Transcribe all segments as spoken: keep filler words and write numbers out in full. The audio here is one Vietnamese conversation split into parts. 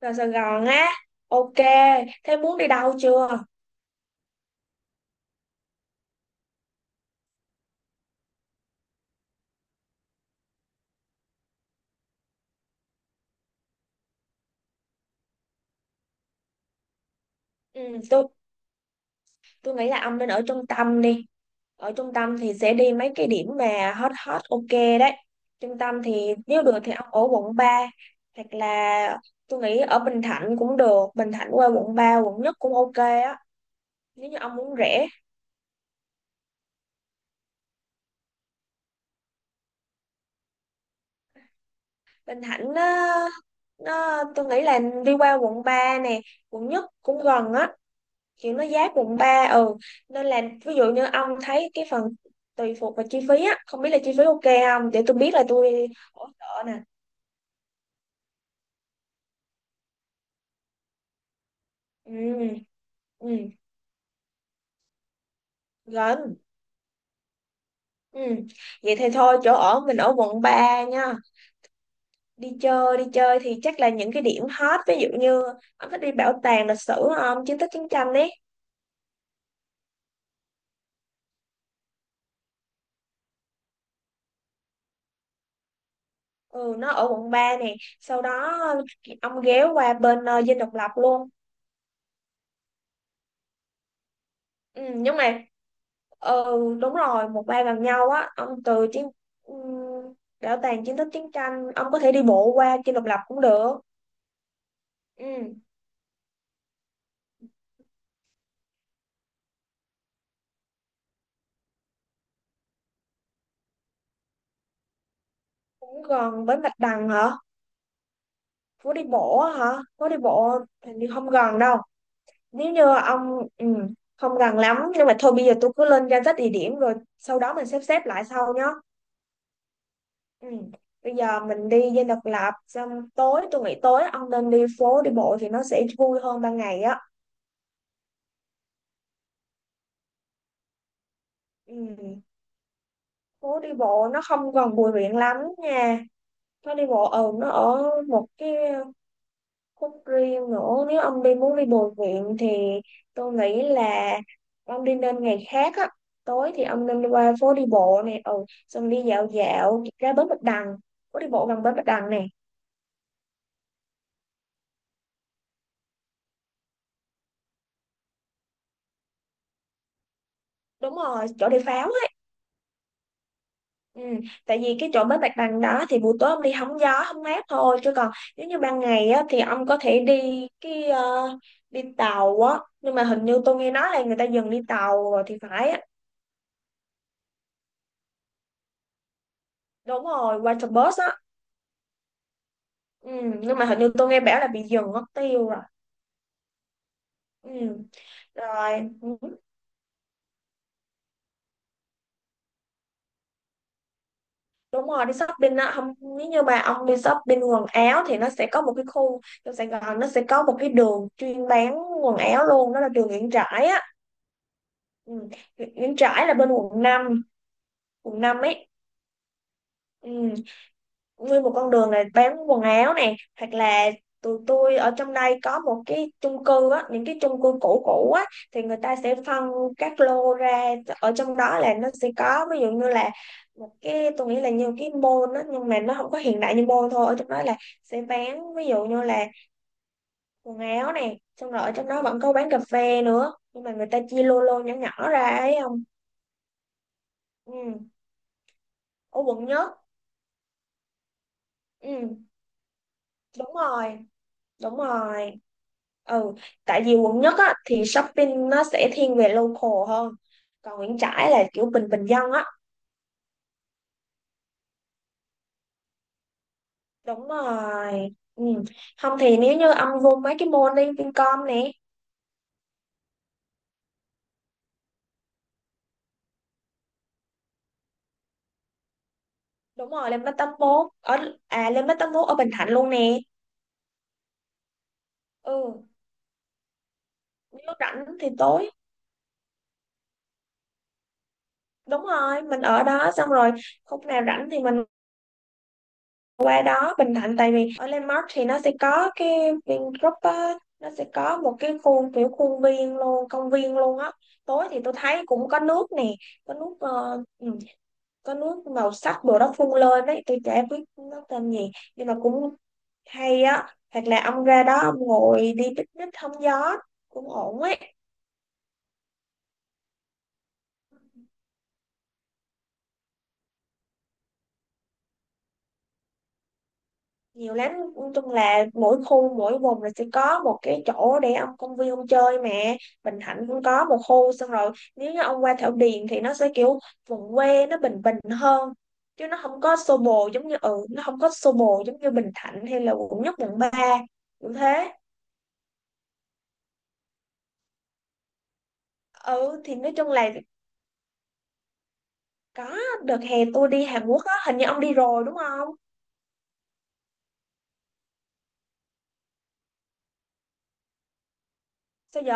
Vào Sài Gòn á? Ok, thế muốn đi đâu chưa? ừ, tôi tôi nghĩ là ông nên ở trung tâm đi. Ở trung tâm thì sẽ đi mấy cái điểm mà hot hot ok đấy. Trung tâm thì nếu được thì ông ở quận ba, hoặc là tôi nghĩ ở Bình Thạnh cũng được. Bình Thạnh qua quận ba, quận nhất cũng ok á, nếu như ông muốn rẻ. Bình Thạnh nó, nó tôi nghĩ là đi qua quận ba nè, quận nhất cũng gần á, kiểu nó giá quận ba. Ừ, nên là ví dụ như ông thấy cái phần, tùy thuộc vào chi phí á, không biết là chi phí ok không để tôi biết là tôi hỗ trợ nè. Ừ. Ừ, gần. Ừ, vậy thì thôi chỗ ở mình ở quận ba nha. Đi chơi, đi chơi thì chắc là những cái điểm hot, ví dụ như ông thích đi bảo tàng lịch sử không, chiến tích chiến tranh ấy. Ừ, nó ở quận ba nè, sau đó ông ghé qua bên ờ, Dinh Độc Lập luôn. Ừ nhưng mà, ừ, đúng rồi, một ba gần nhau á, ông từ chiến, ừm, bảo tàng chiến tích chiến tranh, ông có thể đi bộ qua Chi Độc Lập cũng được. Ừ, cũng gần bến Bạch Đằng hả? Phố đi bộ á hả? Phố đi bộ hình như không gần đâu. Nếu như ông, ừ, không gần lắm, nhưng mà thôi bây giờ tôi cứ lên danh sách địa điểm rồi sau đó mình xếp xếp lại sau nhá. Ừ. Bây giờ mình đi Dinh Độc Lập xong tối, tôi nghĩ tối ông nên đi phố đi bộ thì nó sẽ vui hơn ban ngày á. Ừ. Phố đi bộ nó không còn Bùi Viện lắm nha, nó đi bộ ở, nó ở một cái khúc riêng nữa. Nếu ông đi muốn đi Bùi Viện thì tôi nghĩ là ông đi nên ngày khác á. Tối thì ông nên đi qua phố đi bộ này, ừ, xong đi dạo dạo ra bến Bạch Đằng, phố đi bộ gần bến Bạch Đằng này. Đúng rồi, chỗ đi pháo. Ừ, tại vì cái chỗ bến Bạch Đằng đó thì buổi tối ông đi hóng gió hóng mát thôi, chứ còn nếu như ban ngày á, thì ông có thể đi cái ờ, đi tàu á, nhưng mà hình như tôi nghe nói là người ta dừng đi tàu rồi thì phải á. Đúng rồi, water bus á. Ừ, nhưng mà hình như tôi nghe bảo là bị dừng mất tiêu rồi. Ừ, rồi, ừ, đúng rồi, đi shopping á. Không, nếu như mà ông đi shopping quần áo thì nó sẽ có một cái khu, trong Sài Gòn nó sẽ có một cái đường chuyên bán quần áo luôn, đó là đường Nguyễn Trãi á. Ừ. Nguyễn Trãi là bên quận năm, cùng năm ấy. Ừ, nguyên một con đường này bán quần áo này, hoặc là tụi tôi ở trong đây có một cái chung cư á, những cái chung cư cũ cũ á, thì người ta sẽ phân các lô ra, ở trong đó là nó sẽ có, ví dụ như là một cái, tôi nghĩ là như cái mall á nhưng mà nó không có hiện đại như mall thôi. Ở trong đó là sẽ bán ví dụ như là quần áo này, xong rồi ở trong đó vẫn có bán cà phê nữa, nhưng mà người ta chia lô, lô nhỏ nhỏ ra ấy. Không, ừ, ở quận nhất. Ừ, đúng rồi. Đúng rồi. Ừ, tại vì quận nhất á, thì shopping nó sẽ thiên về local hơn, còn Nguyễn Trãi là kiểu bình bình dân á. Đúng rồi. Ừ, không thì nếu như ông vô mấy cái mall, đi Vincom nè. Đúng rồi, lên mấy tấm mốt ở, à, lên mấy tấm mốt ở Bình Thạnh luôn nè. Ừ. Nếu rảnh thì tối, đúng rồi, mình ở đó xong rồi khúc nào rảnh thì mình qua đó Bình Thạnh, tại vì ở Landmark thì nó sẽ có cái Vingroup á, nó sẽ có một cái khu kiểu khuôn viên luôn, công viên luôn á. Tối thì tôi thấy cũng có nước nè, có nước ờ, ừ, có nước màu sắc đồ đó phun lên đấy, tôi chả biết nó tên gì nhưng mà cũng hay á. Hoặc là ông ra đó ông ngồi đi picnic hóng gió cũng ổn ấy. Nhiều lắm, nói chung là mỗi khu mỗi vùng là sẽ có một cái chỗ để ông, công viên ông chơi mà. Bình Thạnh cũng có một khu, xong rồi nếu như ông qua Thảo Điền thì nó sẽ kiểu vùng quê, nó bình bình hơn, chứ nó không có xô bồ giống như, ừ, nó không có xô bồ giống như Bình Thạnh hay là quận nhất quận ba cũng thế. Ừ thì nói chung là có, đợt hè tôi đi Hàn Quốc á, hình như ông đi rồi đúng không? Sao vậy?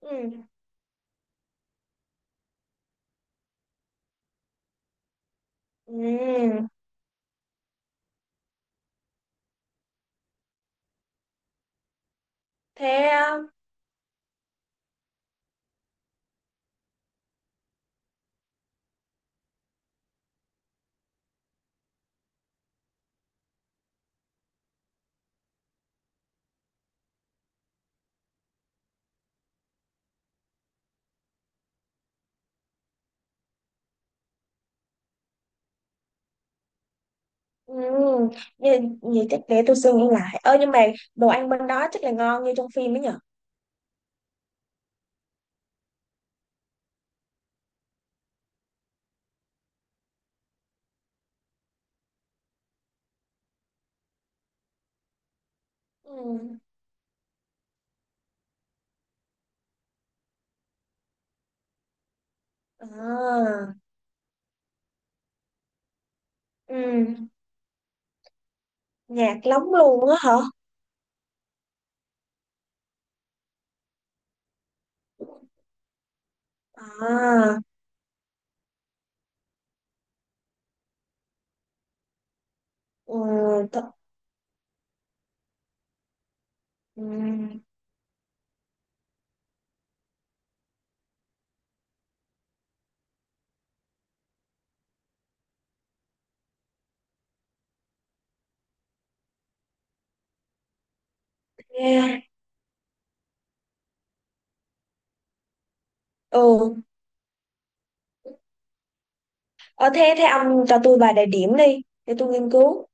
Ừ. Ừ. Thế. Ừ, như, như chắc để tôi suy nghĩ lại. Ơ nhưng mà đồ ăn bên đó chắc là ngon như trong phim ấy nhở. Ừ. À, ừ, nhạc lóng luôn á hả? À, ừ, th ừ. Nghe, ừ. Ờ, thế thế ông cho tôi vài địa điểm đi, để tôi nghiên cứu.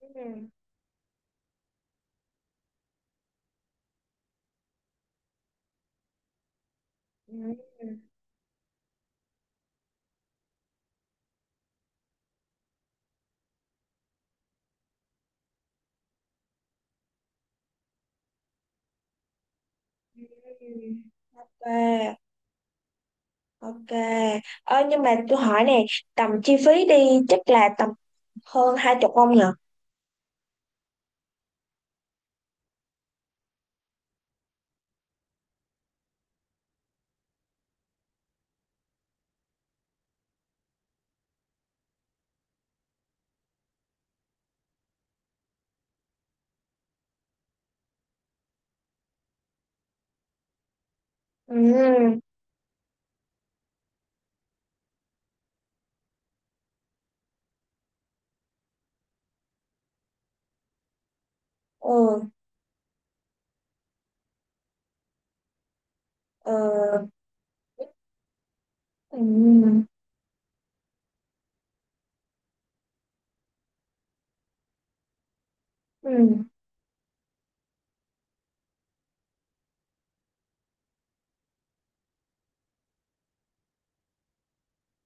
Ừ. Ừ. Ok. Ok. Ờ nhưng mà tôi hỏi nè, tầm chi phí đi chắc là tầm hơn hai chục không nhở? Ừ. Ừ. Ờ. Ừ, ừ,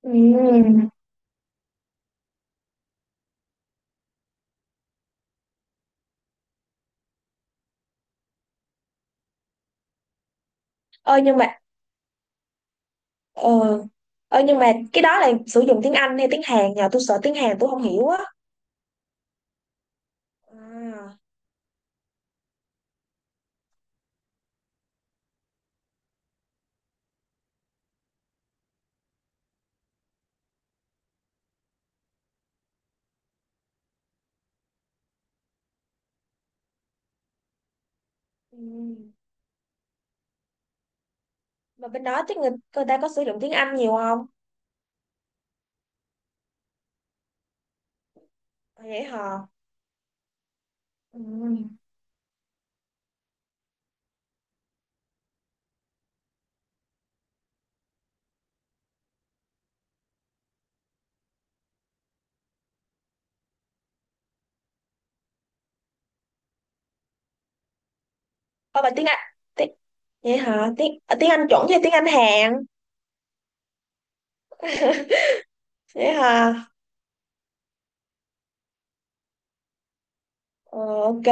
ừ. Ờ, nhưng mà ờ, ờ, nhưng mà cái đó là sử dụng tiếng Anh hay tiếng Hàn nhờ? Tôi sợ tiếng Hàn tôi không hiểu á. À, ừm, mà bên đó chắc người, người ta có sử dụng tiếng Anh nhiều không? À, vậy hả? Ừm. Ờ mà tiếng Anh, tiếng, vậy hả? Tiếng ờ, tiếng Anh chuẩn hay tiếng Anh Hàn? Vậy hả? Ờ, ok.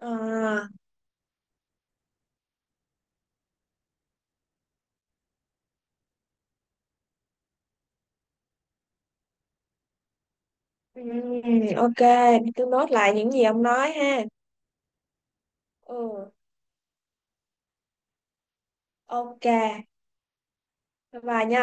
À, ừm, ok, tôi nốt lại những gì ông nói ha. Ừ. Ok, bye bye nha.